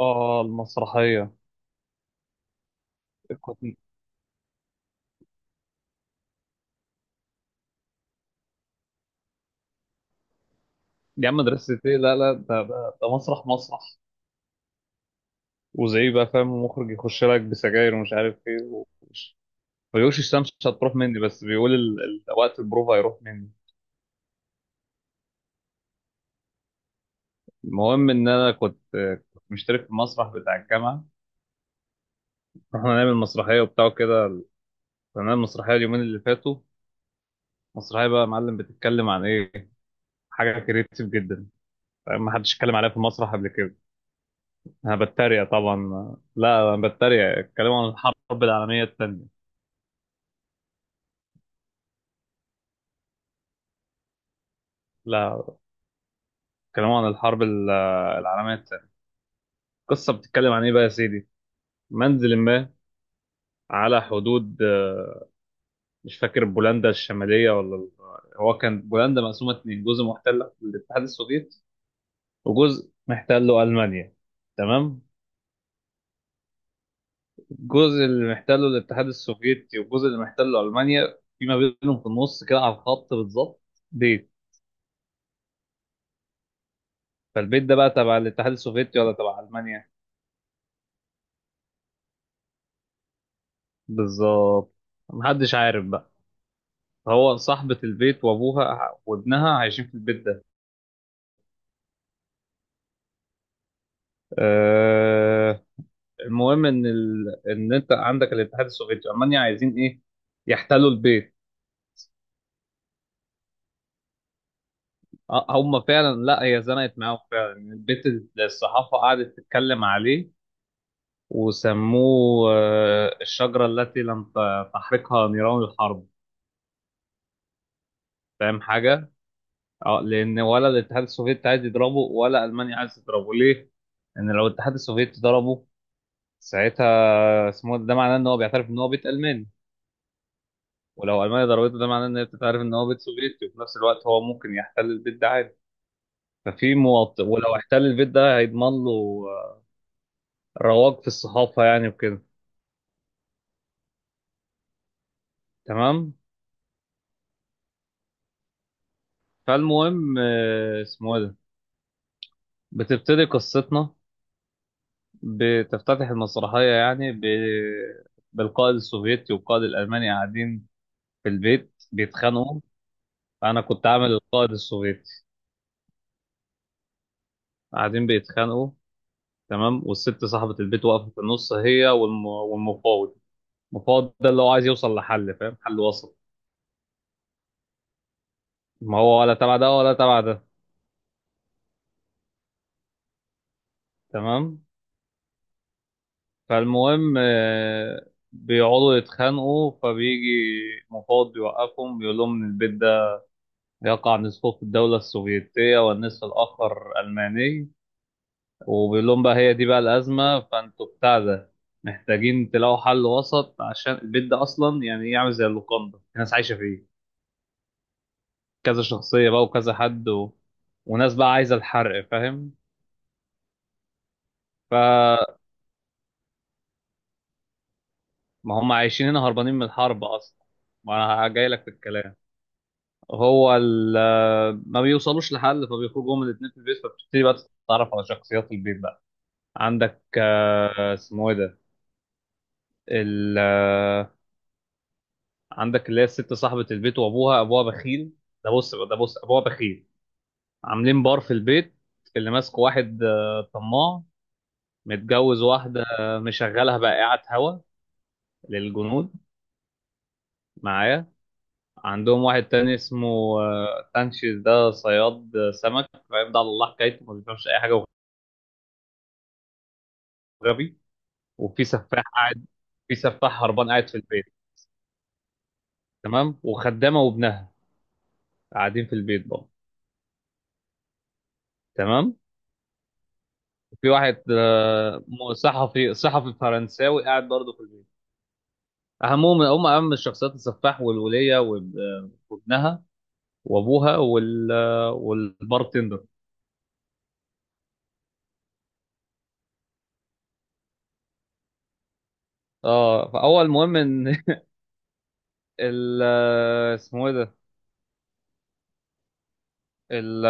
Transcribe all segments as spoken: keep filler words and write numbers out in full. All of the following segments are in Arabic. اه المسرحية كنت دي عم مدرسة ايه؟ لا لا ده ده, ده مسرح مسرح. وزي بقى فاهم، المخرج يخش لك بسجاير ومش عارف ايه. ومش ما بيقولش الشمس مش هتروح مني، بس بيقول ال... ال... وقت البروفا هيروح مني. المهم ان انا كنت كنت مشترك في المسرح بتاع الجامعة. رحنا نعمل مسرحية وبتاع كده. كنا نعمل مسرحية اليومين اللي فاتوا. مسرحية بقى يا معلم بتتكلم عن ايه؟ حاجة كريتيف جدا، ما حدش اتكلم عليها في المسرح قبل كده. انا بتريق طبعا، لا انا بتريق. اتكلموا عن الحرب العالميه الثانيه. لا اتكلموا عن الحرب ال- العالميه الثانيه. القصه بتتكلم عن ايه بقى يا سيدي؟ منزل ما على حدود آه، مش فاكر، بولندا الشماليه ولا ال- هو كان بولندا مقسومه اتنين، جزء محتل للاتحاد السوفيتي وجزء محتله المانيا. تمام. الجزء اللي محتله الاتحاد السوفيتي والجزء اللي محتله المانيا فيما بينهم في النص كده على الخط بالظبط بيت. فالبيت ده بقى تبع الاتحاد السوفيتي ولا تبع المانيا؟ بالظبط، محدش عارف بقى. هو صاحبة البيت وابوها وابنها عايشين في البيت ده. أه. المهم ان ال... ان انت عندك الاتحاد السوفيتي المانيا عايزين ايه؟ يحتلوا البيت. آه، هم فعلا، لا هي زنقت معاهم فعلا، البيت اللي الصحافة قعدت تتكلم عليه وسموه آه، الشجرة التي لم ت- تحرقها نيران الحرب. فاهم حاجة؟ اه، لأن ولا الاتحاد السوفيتي عايز يضربه ولا ألمانيا عايز تضربه، ليه؟ ان لو الاتحاد السوفيتي ضربه ساعتها اسمه ده معناه ان هو بيعترف ان هو بيت الماني. ولو المانيا ضربته ده معناه ان هي بتعترف ان هو بيت سوفيتي. وفي نفس الوقت هو ممكن يحتل البيت ده عادي. ففي مواطن ولو احتل البيت ده هيضمن له آه، رواج في الصحافه يعني وكده. تمام. فالمهم آه، اسمه إيه ده، بتبتدي قصتنا. بتفتتح المسرحيه يعني ب... بالقائد السوفيتي والقائد الالماني قاعدين في البيت بيتخانقوا. انا كنت عامل القائد السوفيتي. قاعدين بيتخانقوا، تمام. والست صاحبة البيت واقفة في النص، هي والم- والمفاوض. المفاوض ده اللي هو عايز يوصل لحل، فاهم، حل وسط. ما هو ولا تبع ده ولا تبع ده. تمام. فالمهم آه، بيقعدوا يتخانقوا، فبيجي مفاوض بيوقفهم بيقول لهم إن البيت ده يقع نصفه في الدولة السوفيتية والنصف الآخر ألماني. وبيقول لهم بقى هي دي بقى الأزمة، فأنتوا بتاع ده محتاجين تلاقوا حل وسط عشان البيت ده أصلا يعني يعمل زي اللوكاندا، الناس عايشة فيه. كذا شخصية بقى وكذا حد و... وناس بقى عايزة الحرق فاهم. فما هم عايشين هنا هربانين من الحرب أصلا. ما أنا جاي لك في الكلام. هو ال... ما بيوصلوش لحل، فبيخرجوا هما الاتنين في البيت. فبتبتدي بقى تتعرف على شخصيات البيت بقى. عندك آه، اسمه ايه ده، ال... آه، عندك اللي هي الست صاحبة البيت وأبوها. أبوها بخيل. ده بص ده بص أبوها بخيل. عاملين بار في البيت، اللي ماسكه واحد آه، طماع، متجوز واحدة آه، مشغلها بقى قاعد هوا للجنود. معايا؟ عندهم واحد تاني اسمه آه، تانشيز، ده صياد سمك فاهم، ده على الله حكايته، ما بيفهمش اي حاجه وغبي. وفي سفاح قاعد، في سفاح هربان قاعد في البيت. تمام. وخدامه وابنها قاعدين في البيت برضه. تمام. في واحد آه، م- صحفي، صحفي فرنساوي قاعد برضه في البيت. اهمهم هم اهم الشخصيات السفاح والوليه واب- آه، وابنها وابوها وال آه، والبارتندر. اه فاول مهم ان ال آه، اسمه ايه ده ال.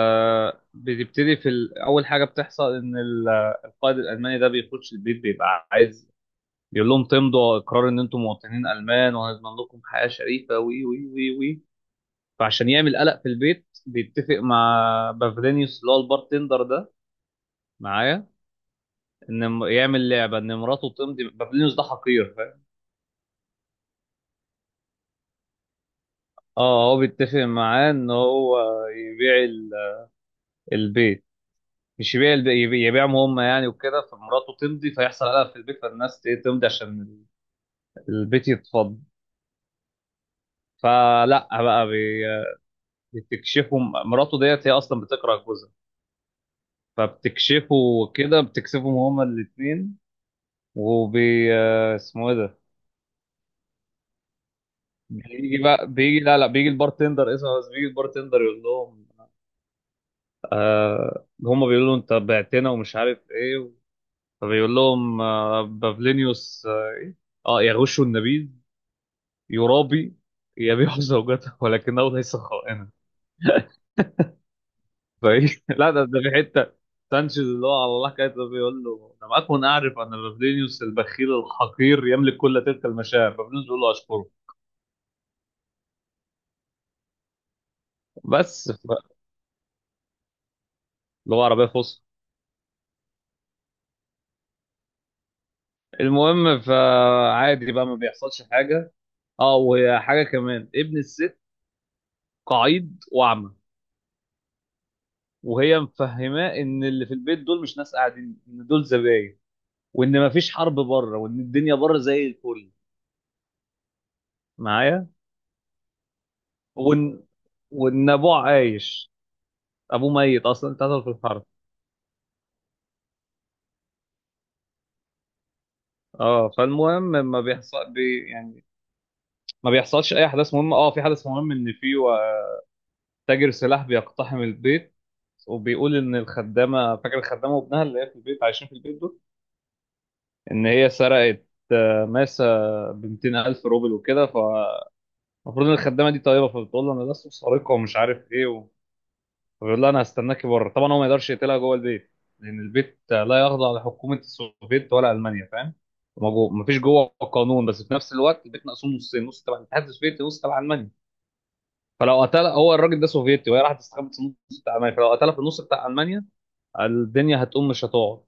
بتبتدي في ال- اول حاجه بتحصل ان ال- القائد الالماني ده بيخش البيت بيبقى عايز يقول لهم تمضوا اقرار ان انتم مواطنين المان، وهنضمن لكم حياه شريفه وي وي وي وي. فعشان يعمل قلق في البيت بيتفق مع بافلينيوس اللي هو البارتندر ده. معايا؟ ان م- يعمل لعبه ان مراته تمضي. بافلينيوس ده حقير فاهم. اه، هو بيتفق معاه ان هو يبيع ال- البيت، مش يبيع الب- يبي- يبيعهم هم يعني وكده. فمراته تمضي فيحصل قلق في البيت، فالناس ت- تمضي عشان البيت يتفض. فلا بقى بي- بتكشفوا، م- مراته ديت هي اصلا بتكره جوزها فبتكشفه كده، بتكسفهم هما الاثنين. وبي آه، اسمه ايه ده، بيجي بقى بيجي، لا لا بيجي البارتندر اسمه. بس بيجي البارتندر يقول لهم آه، هما بيقولوا له انت بعتنا ومش عارف ايه. فبيقول لهم آه بابلينيوس اه, إيه؟ آه، يغش النبيذ، يرابي، يبيع زوجته ولكنه ليس خائنا. فايه لا ده ده في حته سانشيز اللي هو على الله كاتب بيقول له: لم اكن اعرف ان فابرينيوس البخيل الحقير يملك كل تلك المشاعر. فابرينيوس بيقول له اشكره. بس ف. اللي هو عربيه فصحى. المهم، فعادي بقى، ما بيحصلش حاجه. اه، وهي حاجه كمان، ابن الست قعيد واعمى، وهي مفهماه ان اللي في البيت دول مش ناس قاعدين، ان دول زباين. وان مفيش حرب بره وان الدنيا بره زي الفل. معايا؟ وان وان ابوه عايش. ابوه ميت اصلا، اتقتل في الحرب. اه فالمهم ما بيحصل بي يعني، ما بيحصلش اي احداث مهمه. اه في حدث مهم ان في و- تاجر سلاح بيقتحم البيت وبيقول ان الخدامه، فاكر الخدامه وابنها اللي هي في البيت عايشين في البيت دول، ان هي سرقت آه، ماسه ب مئتي الف روبل وكده. فالمفروض ان الخدامه دي طيبه، فبتقول له انا لست سارقه ومش عارف ايه. فبيقول لها انا هستناكي بره. طبعا هو ما يقدرش يقتلها جوه البيت لان البيت لا يخضع لحكومه السوفيت ولا المانيا فاهم. ما فيش جوه قانون. بس في نفس الوقت البيت مقسوم نصين، نص تبع الاتحاد السوفيتي نص تبع المانيا. فلو قتلها هو الراجل ده سوفيتي وهي راحت استخبت في النص بتاع المانيا، فلو قتلها في النص بتاع المانيا الدنيا هتقوم مش هتقعد.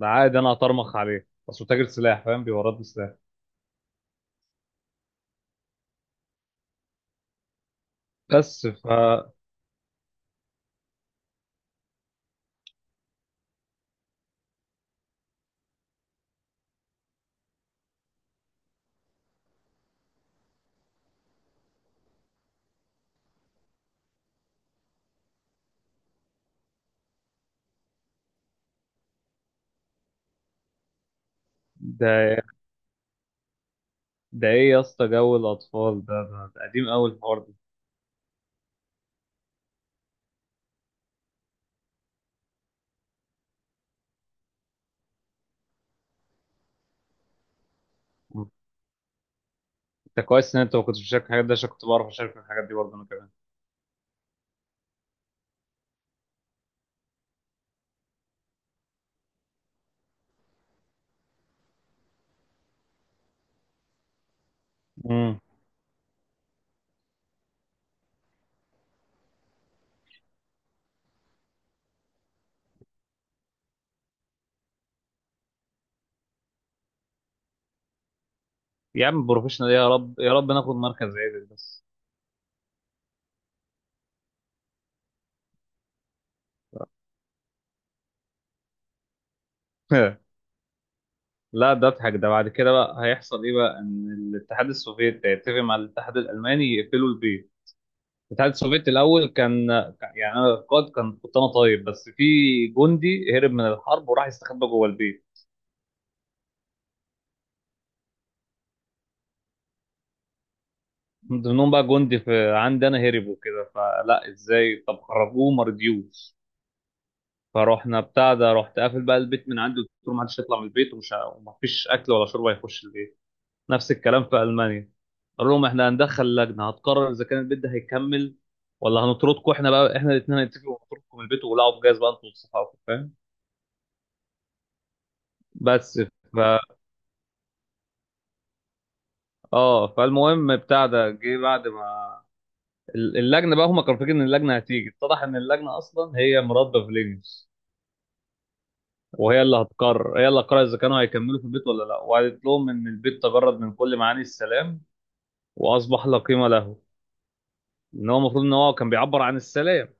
ده عادي انا هطرمخ عليه بس هو تاجر سلاح فاهم، بيورد لي سلاح. بس ف. ده ده ايه يا اسطى جو الاطفال ده ده, ده قديم قوي الحوار ده. انت كويس ان انت ما كنتش بتشارك الحاجات ده، عشان كنت بعرف اشارك الحاجات دي برضه انا كمان. مم. يا عم بروفيشنال، يا رب يا رب ناخد مركز عادل بس. لا ده اضحك ده. بعد كده بقى هيحصل ايه بقى؟ ان الاتحاد السوفيتي هيتفق مع الاتحاد الالماني يقفلوا البيت. الاتحاد السوفيتي الاول كان كان- يعني انا القائد كان كنت انا طيب. بس في جندي هرب من الحرب وراح يستخبى جوه البيت. من ضمنهم بقى جندي في عندي انا هرب وكده. فلا ازاي، طب خرجوه، ما رضيوش. فروحنا بتاع ده، رحت قافل بقى البيت من عندي وقلت له ما حدش يطلع من البيت ومش ه- ومفيش اكل ولا شرب هيخش البيت. نفس الكلام في المانيا. قال لهم احنا هندخل لجنه هتقرر اذا كان البيت ده هيكمل ولا هنطردكم. احنا بقى احنا الاثنين هنتفق ونطردكم من البيت ولعوا بجاز بقى انتوا وصحابكم فاهم. بس ف. اه فالمهم بتاع ده، جه بعد ما ال- اللجنه بقى، هم كانوا فاكرين ان اللجنه هتيجي، اتضح ان اللجنه اصلا هي مراد بافلينيوس. وهي اللي هتقرر، هي اللي هتقرر اذا كانوا هيكملوا في البيت ولا لا. وقالت لهم ان البيت تجرد من كل معاني السلام واصبح لا قيمه له. ان هو المفروض ان هو كان بيعبر عن السلام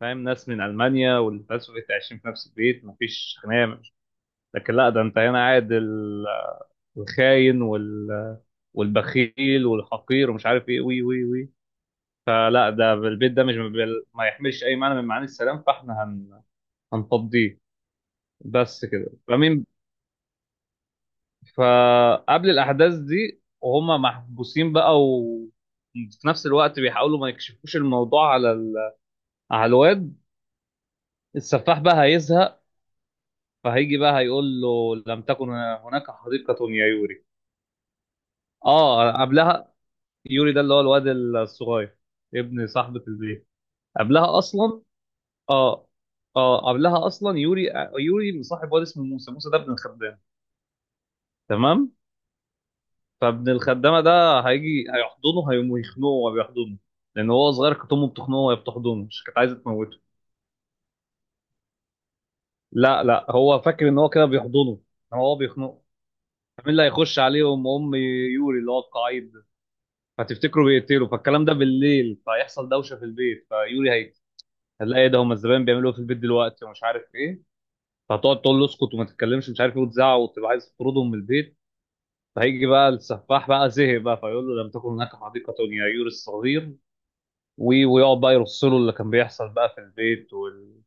فاهم، ناس من المانيا والباسوفيت عايشين في نفس البيت مفيش خناقه. لكن لا ده انت هنا قاعد ال- الخاين وال والبخيل والحقير ومش عارف ايه وي وي وي. فلا ده البيت ده مش بال- ما يحملش اي معنى من معاني السلام. فاحنا هن... هنفضيه. بس كده. فمين. فقبل الاحداث دي وهم محبوسين بقى، و في نفس الوقت بيحاولوا ما يكشفوش الموضوع على ال... على الواد. السفاح بقى هيزهق، فهيجي بقى هيقول له لم تكن هناك حديقة يا يوري. اه قبلها. يوري ده اللي هو الواد الصغير، ابن صاحبة البيت. قبلها اصلا. اه اه قبلها اصلا يوري. يوري مصاحب واد اسمه موسى. موسى ده ابن الخدامة. تمام. فابن الخدامة ده هيجي هيحضنه هيقوم يخنقه وهو بيحضنه، لان هو صغير كانت امه بتخنقه وهي بتحضنه، مش كانت عايزة تموته. لا لا هو فاكر ان هو كده بيحضنه، إنما هو بيخنقه. مين اللي هيخش عليهم؟ ام يوري اللي هو القعيد ده. فتفتكروا بيقتلوا، فالكلام ده بالليل، فيحصل دوشه في البيت فيوري هي هتلاقي إيه ده، هم الزبائن بيعملوا إيه في البيت دلوقتي ومش عارف ايه. فهتقعد تقول له اسكت وما تتكلمش مش عارف ايه وتزعق وتبقى عايز تطردهم من البيت. فهيجي بقى السفاح بقى، زهق بقى، فيقول له لم تكن هناك حديقه يا يوري الصغير. و- ويقعد بقى يرص له اللي كان بيحصل بقى في البيت وال...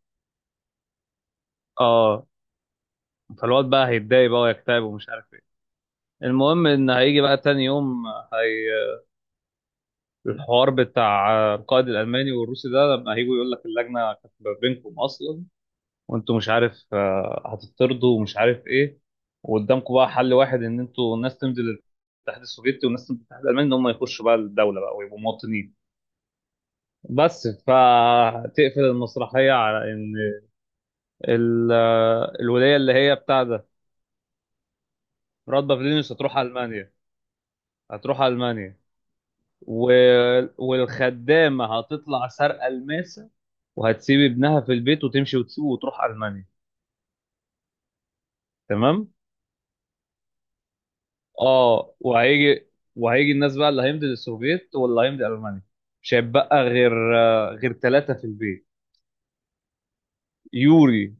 اه. فالواد بقى هيتضايق بقى ويكتئب ومش عارف ايه. المهم ان هيجي بقى تاني يوم، هي الحوار بتاع القائد الالماني والروسي ده لما هيجوا، يقول لك اللجنه كانت ما بينكم اصلا. وانتوا مش عارف آه، هتطردوا ومش عارف ايه. وقدامكم بقى حل واحد، ان انتوا الناس تمضي للاتحاد السوفيتي والناس تمضي للاتحاد الالماني، ان هم يخشوا بقى الدوله بقى ويبقوا مواطنين. بس فتقفل المسرحيه على ان ال- آه، الولايه اللي هي بتاع ده، راد فيلينيوس، هتروح المانيا. هتروح المانيا و... والخدامه هتطلع سارقه الماسه وهتسيب ابنها في البيت وتمشي وتسيبه وتروح المانيا. تمام. اه وهيجي وهيجي الناس بقى اللي هيمضي للسوفييت واللي هيمضي المانيا. مش هيبقى غير آه، غير ثلاثه في البيت. يوري.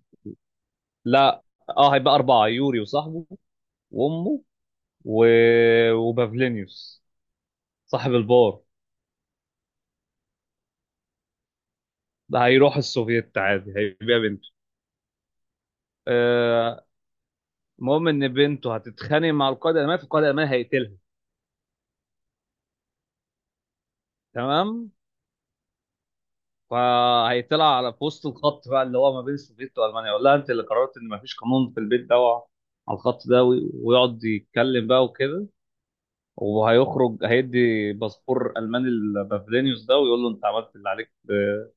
لا اه هيبقى اربعه، يوري وصاحبه وامه و... وبافلينيوس صاحب البار. ده هيروح السوفييت عادي هيبيع بنته. آه، المهم ان بنته هتتخانق مع القائد الالماني فالقائد الالماني هيقتلها. تمام. فهيطلع على في وسط الخط بقى اللي هو ما بين السوفيت والمانيا يقول لها انت اللي قررت ان ما فيش قانون في البيت ده وع- على الخط ده وي- ويقعد يتكلم بقى وكده. وهيخرج هيدي باسبور الماني لبافلينيوس ده ويقول له انت عملت اللي عليك ب-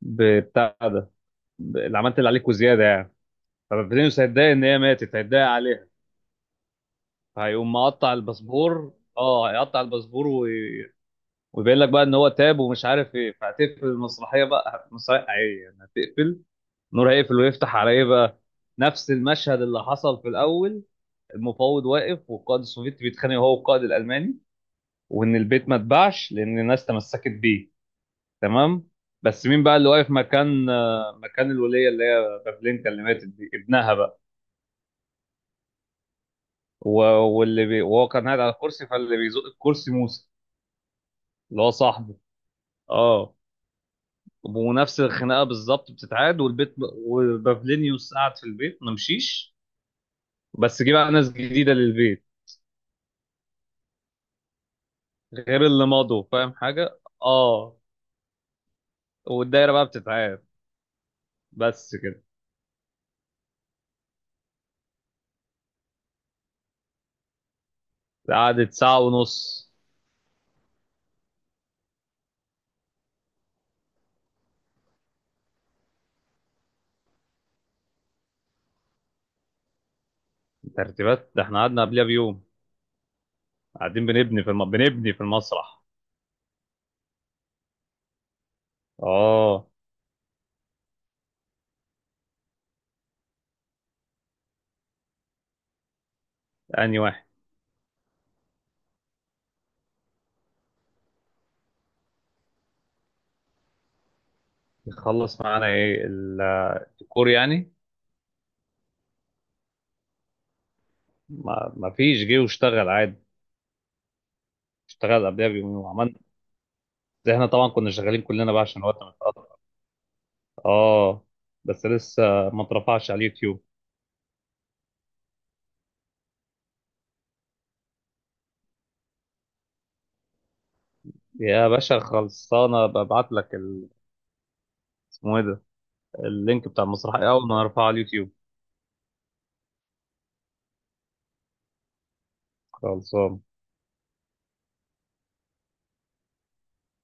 بتاع ده ب- اللي عملت اللي عليك وزياده يعني. فبافلينيوس هيتضايق ان هي ماتت، هيتضايق عليها، هيقوم مقطع الباسبور. اه هيقطع الباسبور وبيقول لك بقى ان هو تاب ومش عارف ايه. فهتقفل المسرحيه بقى، مسرحيه عاديه يعني هتقفل. نور هيقفل ويفتح على ايه بقى؟ نفس المشهد اللي حصل في الاول. المفاوض واقف والقائد السوفيتي بيتخانق هو والقائد الالماني. وان البيت ما اتباعش لان الناس تمسكت بيه. تمام. بس مين بقى اللي واقف مكان آه، مكان الوليه اللي هي بابلينكا اللي ماتت دي؟ ابنها بقى. و- واللي بي... وهو كان قاعد على الكرسي، فاللي بيزق الكرسي موسى اللي هو صاحبه. اه. ونفس الخناقه بالظبط بتتعاد والبيت. وبافلينيوس قعد في البيت ما مشيش، بس جه بقى ناس جديده للبيت غير اللي مضوا فاهم حاجه، اه. والدايره بقى بتتعاد. بس كده. قعدت ساعه ونص. ترتيبات؟ ده احنا قعدنا قبلها بيوم قاعدين بنبني في الم... بنبني في المسرح. اه. اني واحد يخلص معانا ايه؟ الديكور يعني. ما... ما فيش، جه واشتغل عادي. اشتغل قبلها بيومين وعملنا. ده احنا طبعا كنا شغالين كلنا بقى عشان الوقت ما. اه. بس لسه ما اترفعش على اليوتيوب. يا باشا خلصانه ببعت لك ال... اسمه ايه ده، اللينك بتاع المسرحيه اول ما ارفعه على اليوتيوب. خلصانه.